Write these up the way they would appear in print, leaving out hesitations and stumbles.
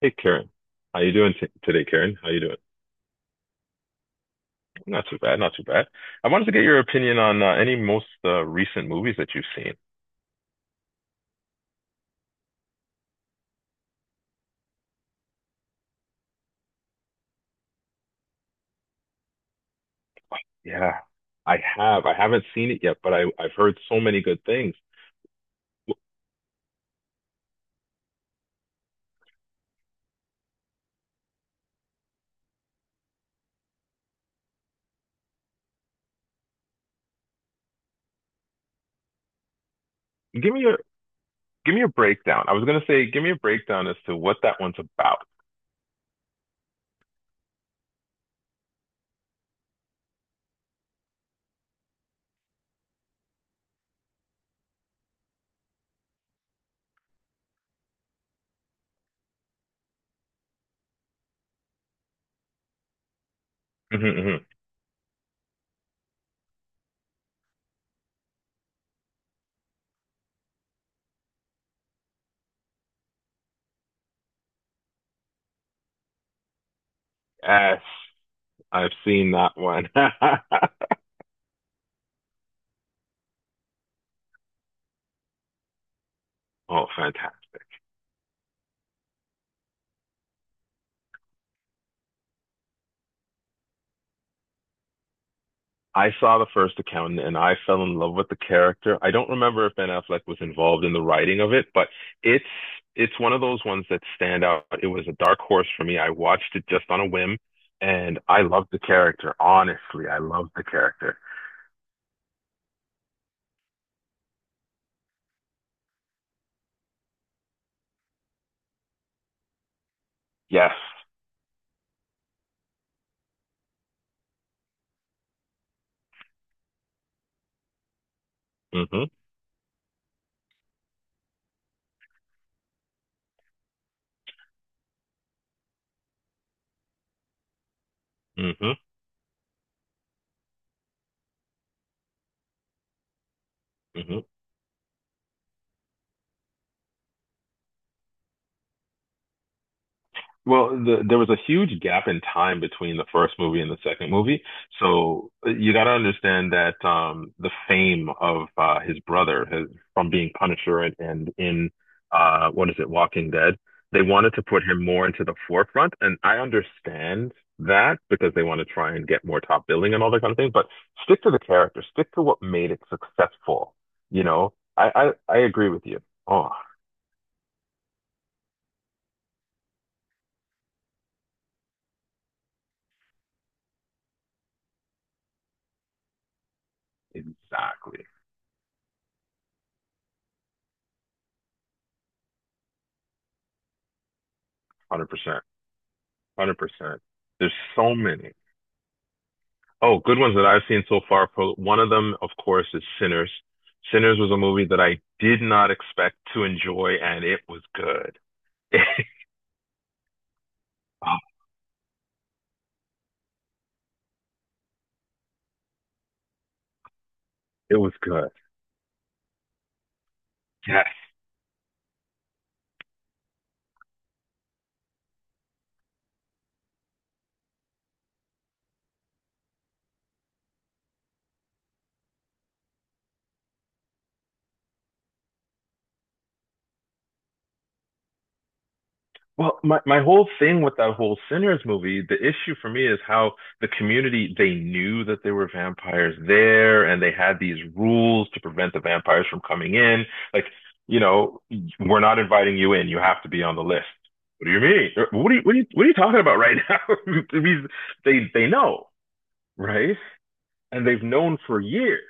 Hey Karen, how you doing t today, Karen? How you doing? Not too bad, not too bad. I wanted to get your opinion on any most recent movies that you've seen. Yeah, I have. I haven't seen it yet, but I've heard so many good things. Give me your Give me a breakdown. I was gonna say give me a breakdown as to what that one's about. Hmm. Yes, I've seen that one. Oh, fantastic. I saw the first accountant and I fell in love with the character. I don't remember if Ben Affleck was involved in the writing of it, but it's it's one of those ones that stand out. It was a dark horse for me. I watched it just on a whim and I loved the character. Honestly, I loved the character. Yes. Mm-hmm. Mm-hmm. Mm-hmm. Well, there was a huge gap in time between the first movie and the second movie. So you got to understand that the fame of his brother from being Punisher, and in what is it, Walking Dead, they wanted to put him more into the forefront. And I understand that because they want to try and get more top billing and all that kind of thing. But stick to the character, stick to what made it successful. You know, I agree with you. Oh, exactly. 100%. Hundred percent. There's so many. Oh, good ones that I've seen so far. One of them, of course, is Sinners. Sinners was a movie that I did not expect to enjoy, and it was good. Oh, it was good. Yes. Well, my whole thing with that whole Sinners movie, the issue for me is how the community, they knew that there were vampires there and they had these rules to prevent the vampires from coming in. Like, you know, we're not inviting you in. You have to be on the list. What do you mean? What are you, what are you, what are you talking about right now? They know, right? And they've known for years.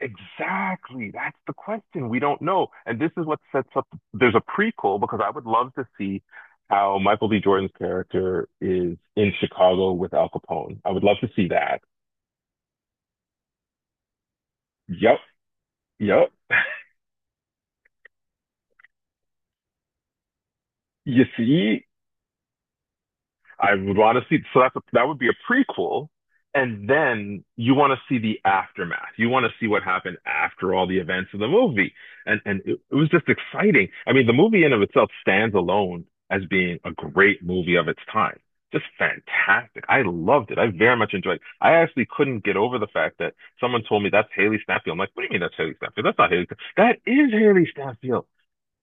Exactly. That's the question. We don't know. And this is what sets up, there's a prequel because I would love to see how Michael B. Jordan's character is in Chicago with Al Capone. I would love to see that. Yep. Yep. You see? I would want to see. So that would be a prequel, and then you want to see the aftermath. You want to see what happened after all the events of the movie, and it was just exciting. I mean, the movie in of itself stands alone as being a great movie of its time. Just fantastic. I loved it. I very much enjoyed it. I actually couldn't get over the fact that someone told me that's Haley Stanfield. I'm like, what do you mean that's Haley Stanfield? That's not Haley. Stanfield. That is Haley Stanfield.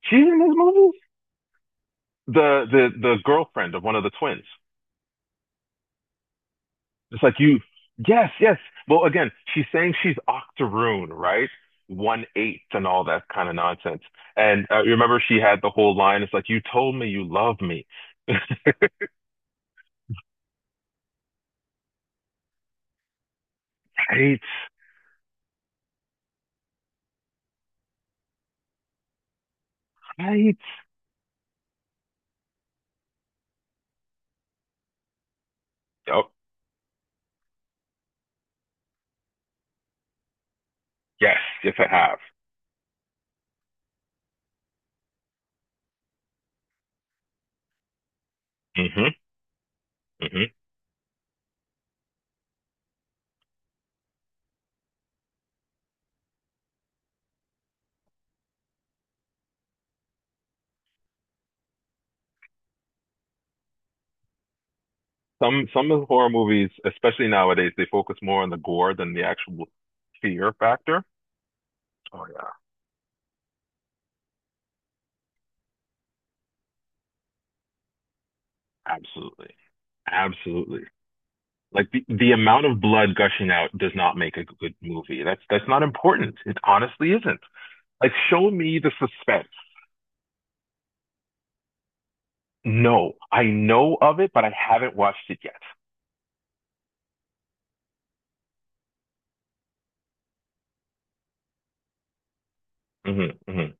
She's in this movie. The girlfriend of one of the twins. It's like you, yes, yes. Well, again, she's saying she's Octoroon, right? One eighth and all that kind of nonsense. And you remember she had the whole line. It's like you told me you love me, right? Right? Oh, yes, yes, I have. Hmm. Hmm. Some of the horror movies, especially nowadays, they focus more on the gore than the actual fear factor. Oh yeah, absolutely, absolutely. Like the amount of blood gushing out does not make a good movie. That's not important. It honestly isn't. Like show me the suspense. No, I know of it, but I haven't watched it yet. Mm-hmm, mm-hmm.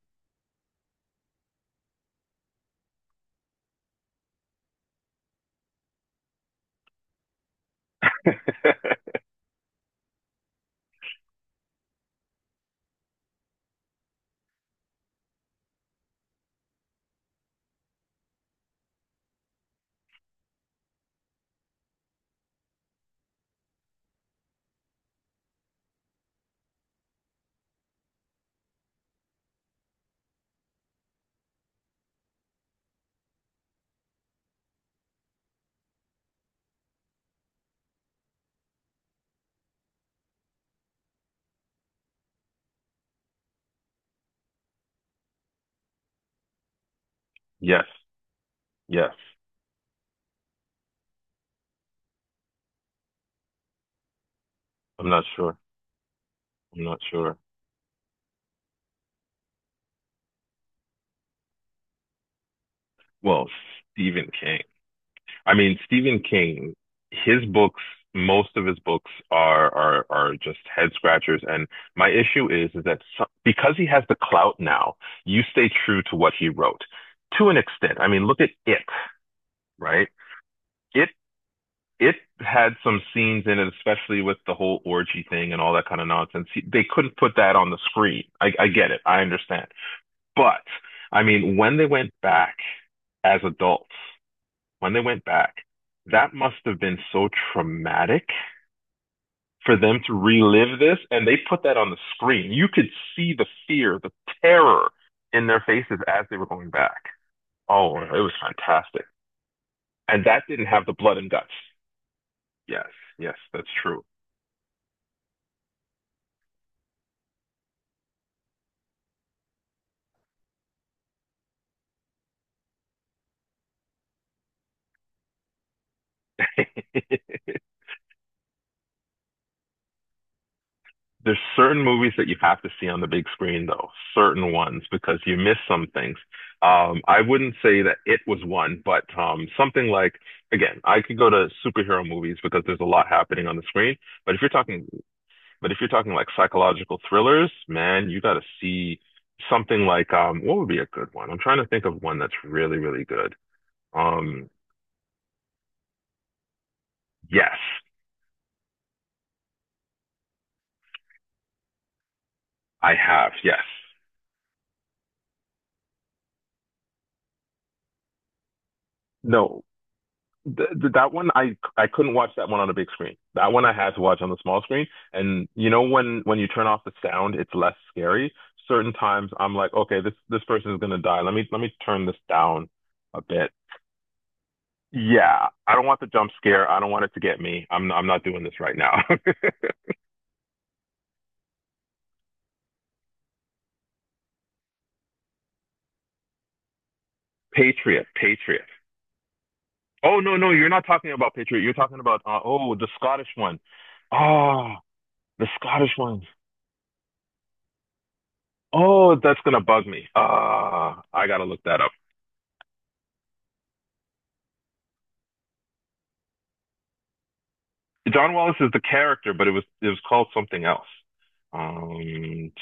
Yes, yes. I'm not sure. I'm not sure. Well, Stephen King. I mean, Stephen King, his books, most of his books are just head scratchers. And my issue is that so, because he has the clout now, you stay true to what he wrote to an extent. I mean, look at it, right? It it had some scenes in it, especially with the whole orgy thing and all that kind of nonsense. They couldn't put that on the screen. I get it. I understand. But I mean, when they went back as adults when they went back, that must have been so traumatic for them to relive this. And they put that on the screen. You could see the fear, the terror in their faces as they were going back. Oh, it was fantastic. And that didn't have the blood and guts. Yes, yes, that's true. There's certain movies that you have to see on the big screen, though, certain ones, because you miss some things. I wouldn't say that it was one, but something like, again, I could go to superhero movies because there's a lot happening on the screen. But if you're talking, but if you're talking like psychological thrillers, man, you got to see something like, what would be a good one? I'm trying to think of one that's really, really good. Um, yes, I have. Yes. No, Th- that one I couldn't watch that one on a big screen. That one I had to watch on the small screen. And when you turn off the sound, it's less scary. Certain times I'm like, okay, this person is gonna die. Let me turn this down a bit. Yeah, I don't want the jump scare. I don't want it to get me. I'm not doing this right now. Patriot, Patriot. Oh no no, you're not talking about Patriot. You're talking about oh the Scottish one. Ah, the Scottish one. Oh, that's gonna bug me. I gotta look that up. John Wallace is the character, but it was called something else. Um,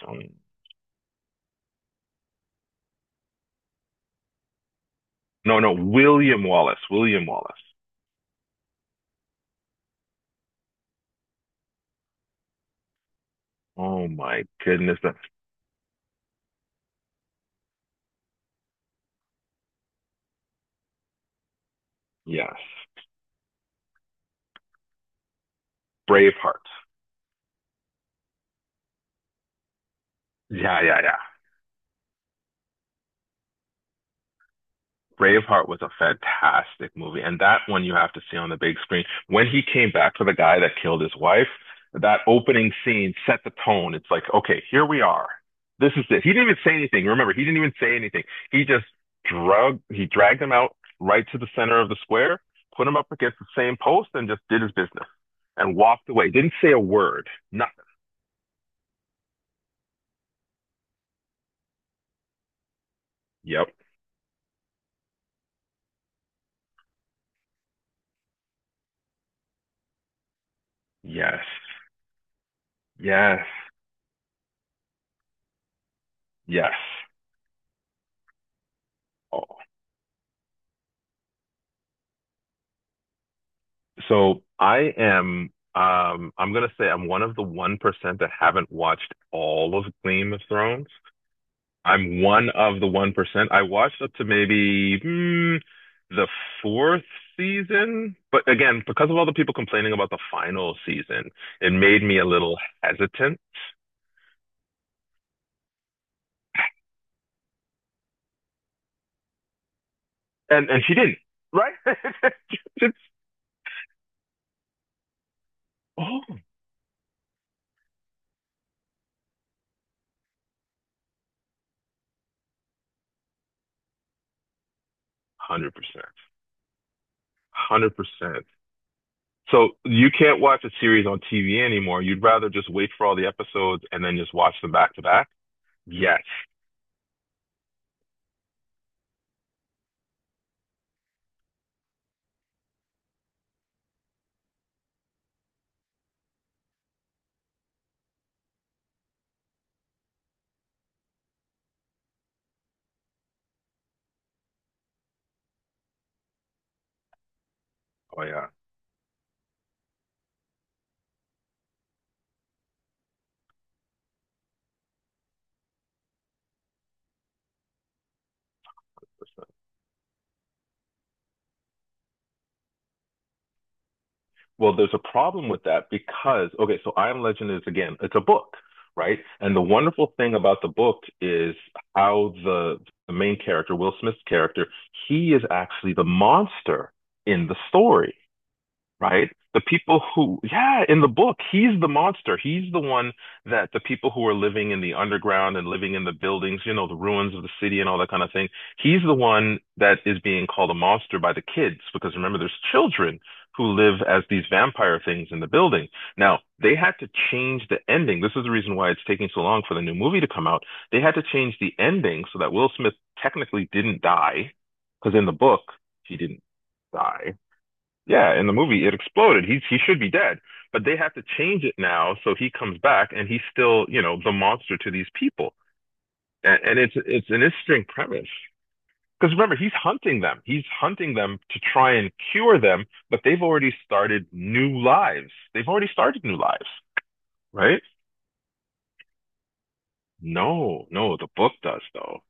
no, no, William Wallace. William Wallace. Oh my goodness, that's yes, Braveheart. Yeah, yeah, yeah. Braveheart was a fantastic movie, and that one you have to see on the big screen. When he came back for the guy that killed his wife, that opening scene set the tone. It's like, okay, here we are. This is it. He didn't even say anything. Remember, he didn't even say anything. He just drug he dragged him out right to the center of the square, put him up against the same post, and just did his business and walked away. Didn't say a word. Nothing. Yep. Yes. Yes. Yes. Oh, so I'm gonna say I'm one of the 1% that haven't watched all of Game of Thrones. I'm one of the 1%. I watched up to maybe the fourth season, but again, because of all the people complaining about the final season, it made me a little hesitant. And she didn't, right? It's- Oh, 100%. 100%. So you can't watch a series on TV anymore. You'd rather just wait for all the episodes and then just watch them back to back? Yes. Oh, yeah. Well, there's a problem with that because, okay, so I Am Legend is again, it's a book, right? And the wonderful thing about the book is how the main character, Will Smith's character, he is actually the monster in the story. Right? The people who, yeah, in the book, he's the monster. He's the one that the people who are living in the underground and living in the buildings, the ruins of the city and all that kind of thing. He's the one that is being called a monster by the kids because remember, there's children who live as these vampire things in the building. Now, they had to change the ending. This is the reason why it's taking so long for the new movie to come out. They had to change the ending so that Will Smith technically didn't die because in the book, he didn't die. Yeah, in the movie it exploded. He should be dead, but they have to change it now so he comes back and he's still, the monster to these people. And it's an interesting premise because remember he's hunting them. He's hunting them to try and cure them, but they've already started new lives. They've already started new lives, right? No, no, the book does though.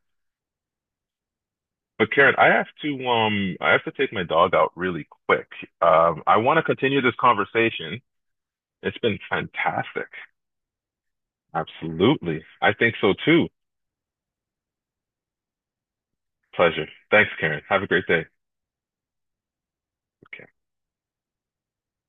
But Karen, I have to take my dog out really quick. I want to continue this conversation. It's been fantastic. Absolutely. I think so too. Pleasure. Thanks, Karen. Have a great day. Okay.